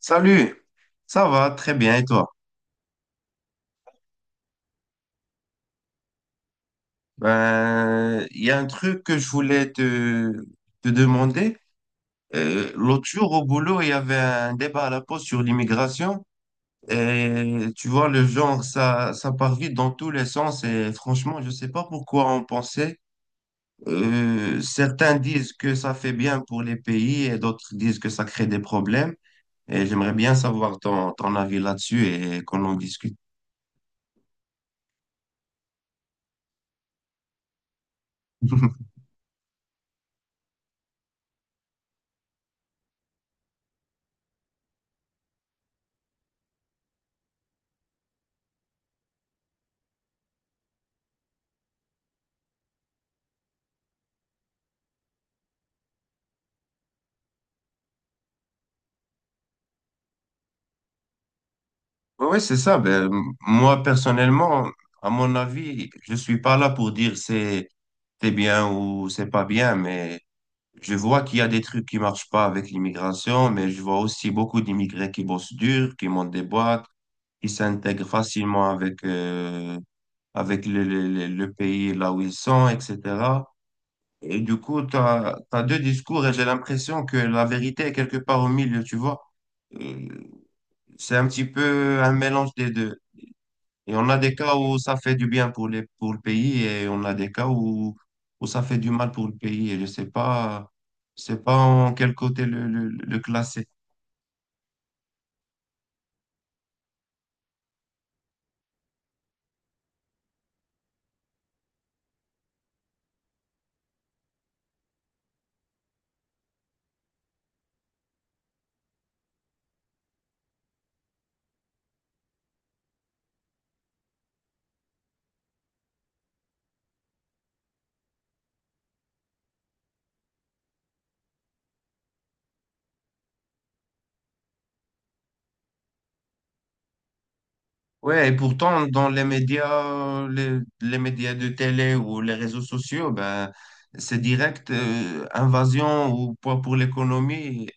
Salut, ça va très bien et toi? Ben, il y a un truc que je voulais te demander. L'autre jour au boulot, il y avait un débat à la pause sur l'immigration. Et tu vois, le genre, ça part vite dans tous les sens. Et franchement, je ne sais pas pourquoi on pensait. Certains disent que ça fait bien pour les pays et d'autres disent que ça crée des problèmes. Et j'aimerais bien savoir ton avis là-dessus et qu'on en discute. Oui, oui, c'est ça. Ben, moi, personnellement, à mon avis, je suis pas là pour dire c'est bien ou c'est pas bien, mais je vois qu'il y a des trucs qui marchent pas avec l'immigration, mais je vois aussi beaucoup d'immigrés qui bossent dur, qui montent des boîtes, qui s'intègrent facilement avec, avec le pays là où ils sont, etc. Et du coup, tu as, deux discours et j'ai l'impression que la vérité est quelque part au milieu, tu vois. Euh, C'est un petit peu un mélange des deux. Et on a des cas où ça fait du bien pour pour le pays et on a des cas où, où ça fait du mal pour le pays. Et je sais pas en quel côté le classer. Ouais, et pourtant, dans les médias, les médias de télé ou les réseaux sociaux, ben, c'est direct, invasion ou poids pour l'économie.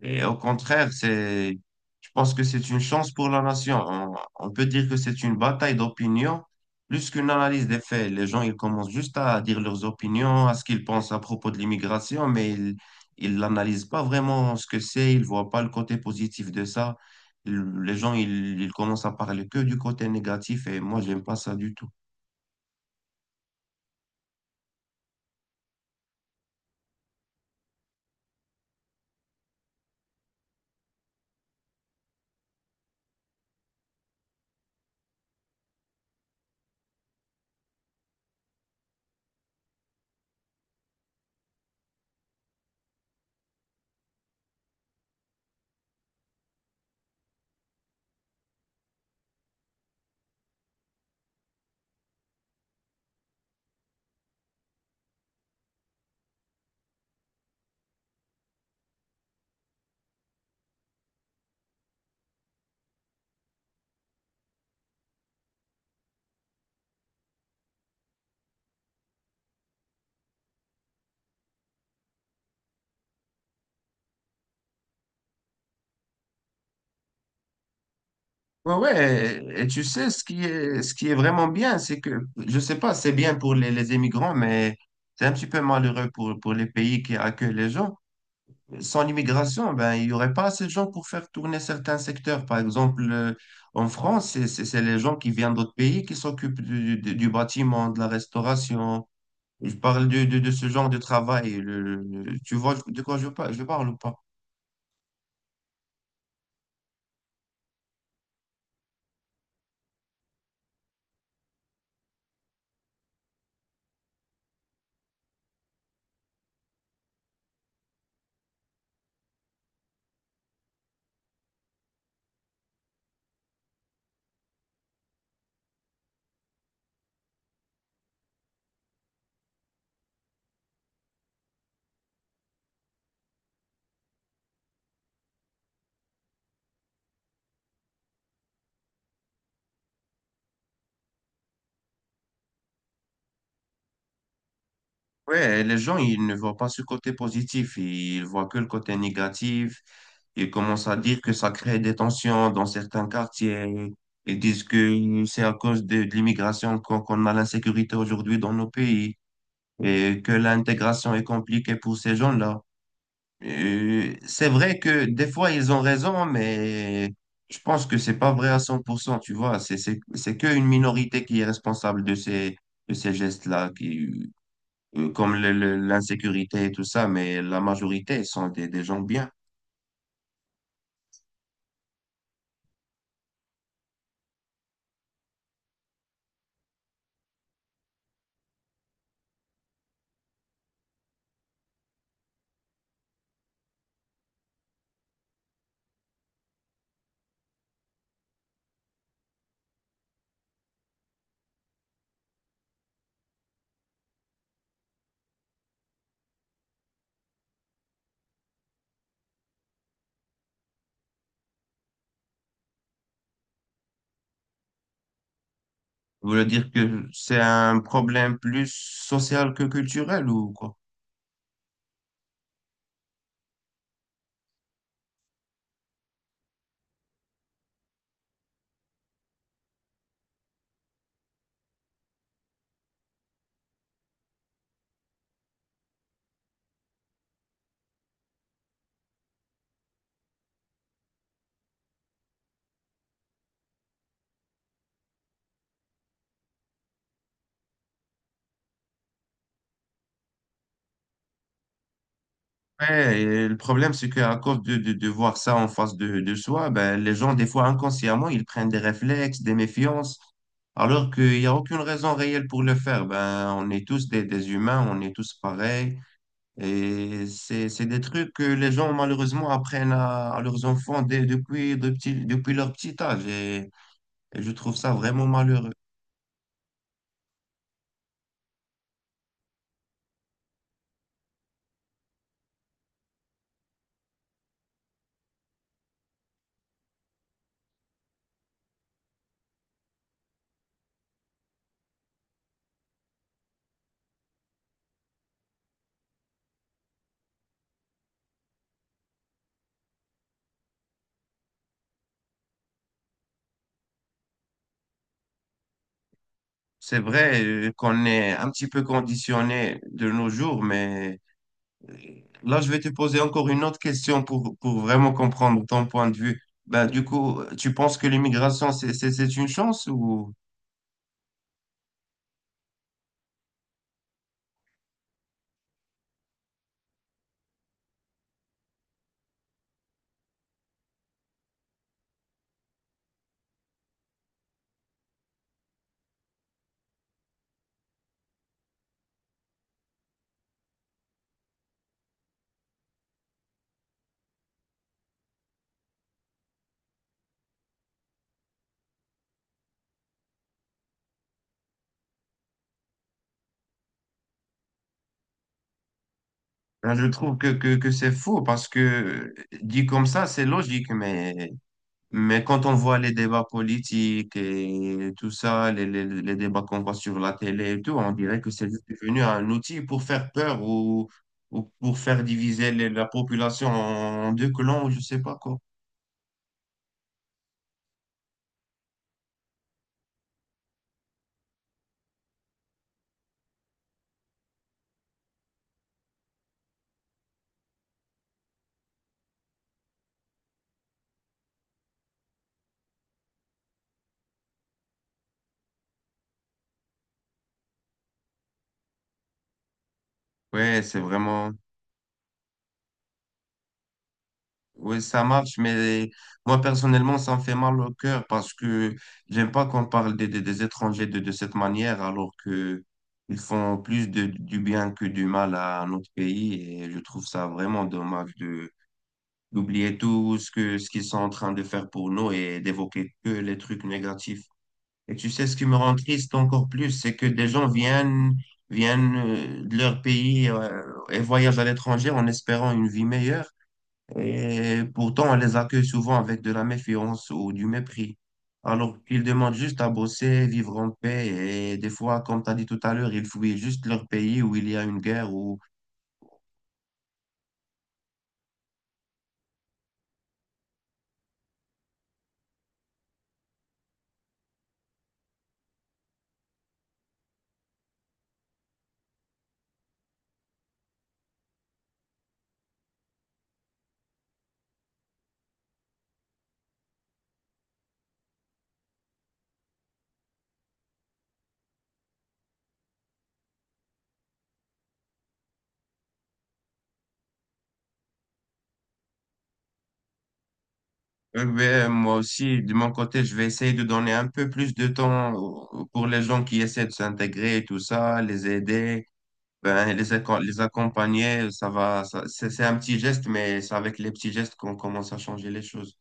Et au contraire, c'est, je pense que c'est une chance pour la nation. On peut dire que c'est une bataille d'opinion plus qu'une analyse des faits. Les gens, ils commencent juste à dire leurs opinions, à ce qu'ils pensent à propos de l'immigration, mais ils n'analysent pas vraiment ce que c'est, ils voient pas le côté positif de ça. Les gens, ils commencent à parler que du côté négatif et moi, j'aime pas ça du tout. Ouais, ouais, et tu sais, ce qui est vraiment bien, c'est que, je sais pas, c'est bien pour les immigrants, mais c'est un petit peu malheureux pour les pays qui accueillent les gens. Sans l'immigration, ben, il y aurait pas assez de gens pour faire tourner certains secteurs. Par exemple, en France, c'est les gens qui viennent d'autres pays qui s'occupent du bâtiment, de la restauration. Je parle de ce genre de travail. Tu vois de quoi je, je parle ou pas? Ouais, les gens, ils ne voient pas ce côté positif, ils voient que le côté négatif. Ils commencent à dire que ça crée des tensions dans certains quartiers. Ils disent que c'est à cause de l'immigration qu'on a l'insécurité aujourd'hui dans nos pays et que l'intégration est compliquée pour ces gens-là. C'est vrai que des fois, ils ont raison, mais je pense que c'est pas vrai à 100%, tu vois. C'est qu'une minorité qui est responsable de ces gestes-là. Qui, comme l'insécurité et tout ça, mais la majorité sont des gens bien. Vous voulez dire que c'est un problème plus social que culturel ou quoi? Ouais, et le problème, c'est qu'à cause de voir ça en face de soi, ben, les gens, des fois inconsciemment, ils prennent des réflexes, des méfiances, alors qu'il n'y a aucune raison réelle pour le faire. Ben, on est tous des humains, on est tous pareils. Et c'est des trucs que les gens, malheureusement, apprennent à leurs enfants depuis, depuis leur petit âge. Et je trouve ça vraiment malheureux. C'est vrai qu'on est un petit peu conditionné de nos jours, mais euh, là, je vais te poser encore une autre question pour vraiment comprendre ton point de vue. Ben, du coup, tu penses que l'immigration, c'est une chance ou... Ben, je trouve que c'est faux parce que dit comme ça, c'est logique, mais quand on voit les débats politiques et tout ça, les débats qu'on voit sur la télé et tout, on dirait que c'est juste devenu un outil pour faire peur ou pour faire diviser la population en deux clans ou je sais pas quoi. Ouais, c'est vraiment... Ouais, ça marche, mais moi personnellement, ça me fait mal au cœur parce que j'aime pas qu'on parle des étrangers de cette manière alors que ils font plus de, du bien que du mal à notre pays et je trouve ça vraiment dommage de d'oublier tout ce que, ce qu'ils sont en train de faire pour nous et d'évoquer que les trucs négatifs. Et tu sais, ce qui me rend triste encore plus, c'est que des gens viennent de leur pays et voyagent à l'étranger en espérant une vie meilleure. Et pourtant, on les accueille souvent avec de la méfiance ou du mépris. Alors qu'ils demandent juste à bosser, vivre en paix. Et des fois, comme tu as dit tout à l'heure, ils fuient juste leur pays où il y a une guerre ou ouais, moi aussi, de mon côté, je vais essayer de donner un peu plus de temps pour les gens qui essaient de s'intégrer et tout ça, les aider, ben, les accompagner. Ça va, c'est un petit geste, mais c'est avec les petits gestes qu'on commence à changer les choses.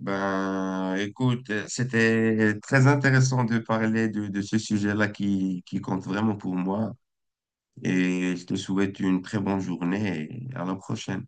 Ben, écoute, c'était très intéressant de parler de ce sujet-là qui compte vraiment pour moi. Et je te souhaite une très bonne journée et à la prochaine.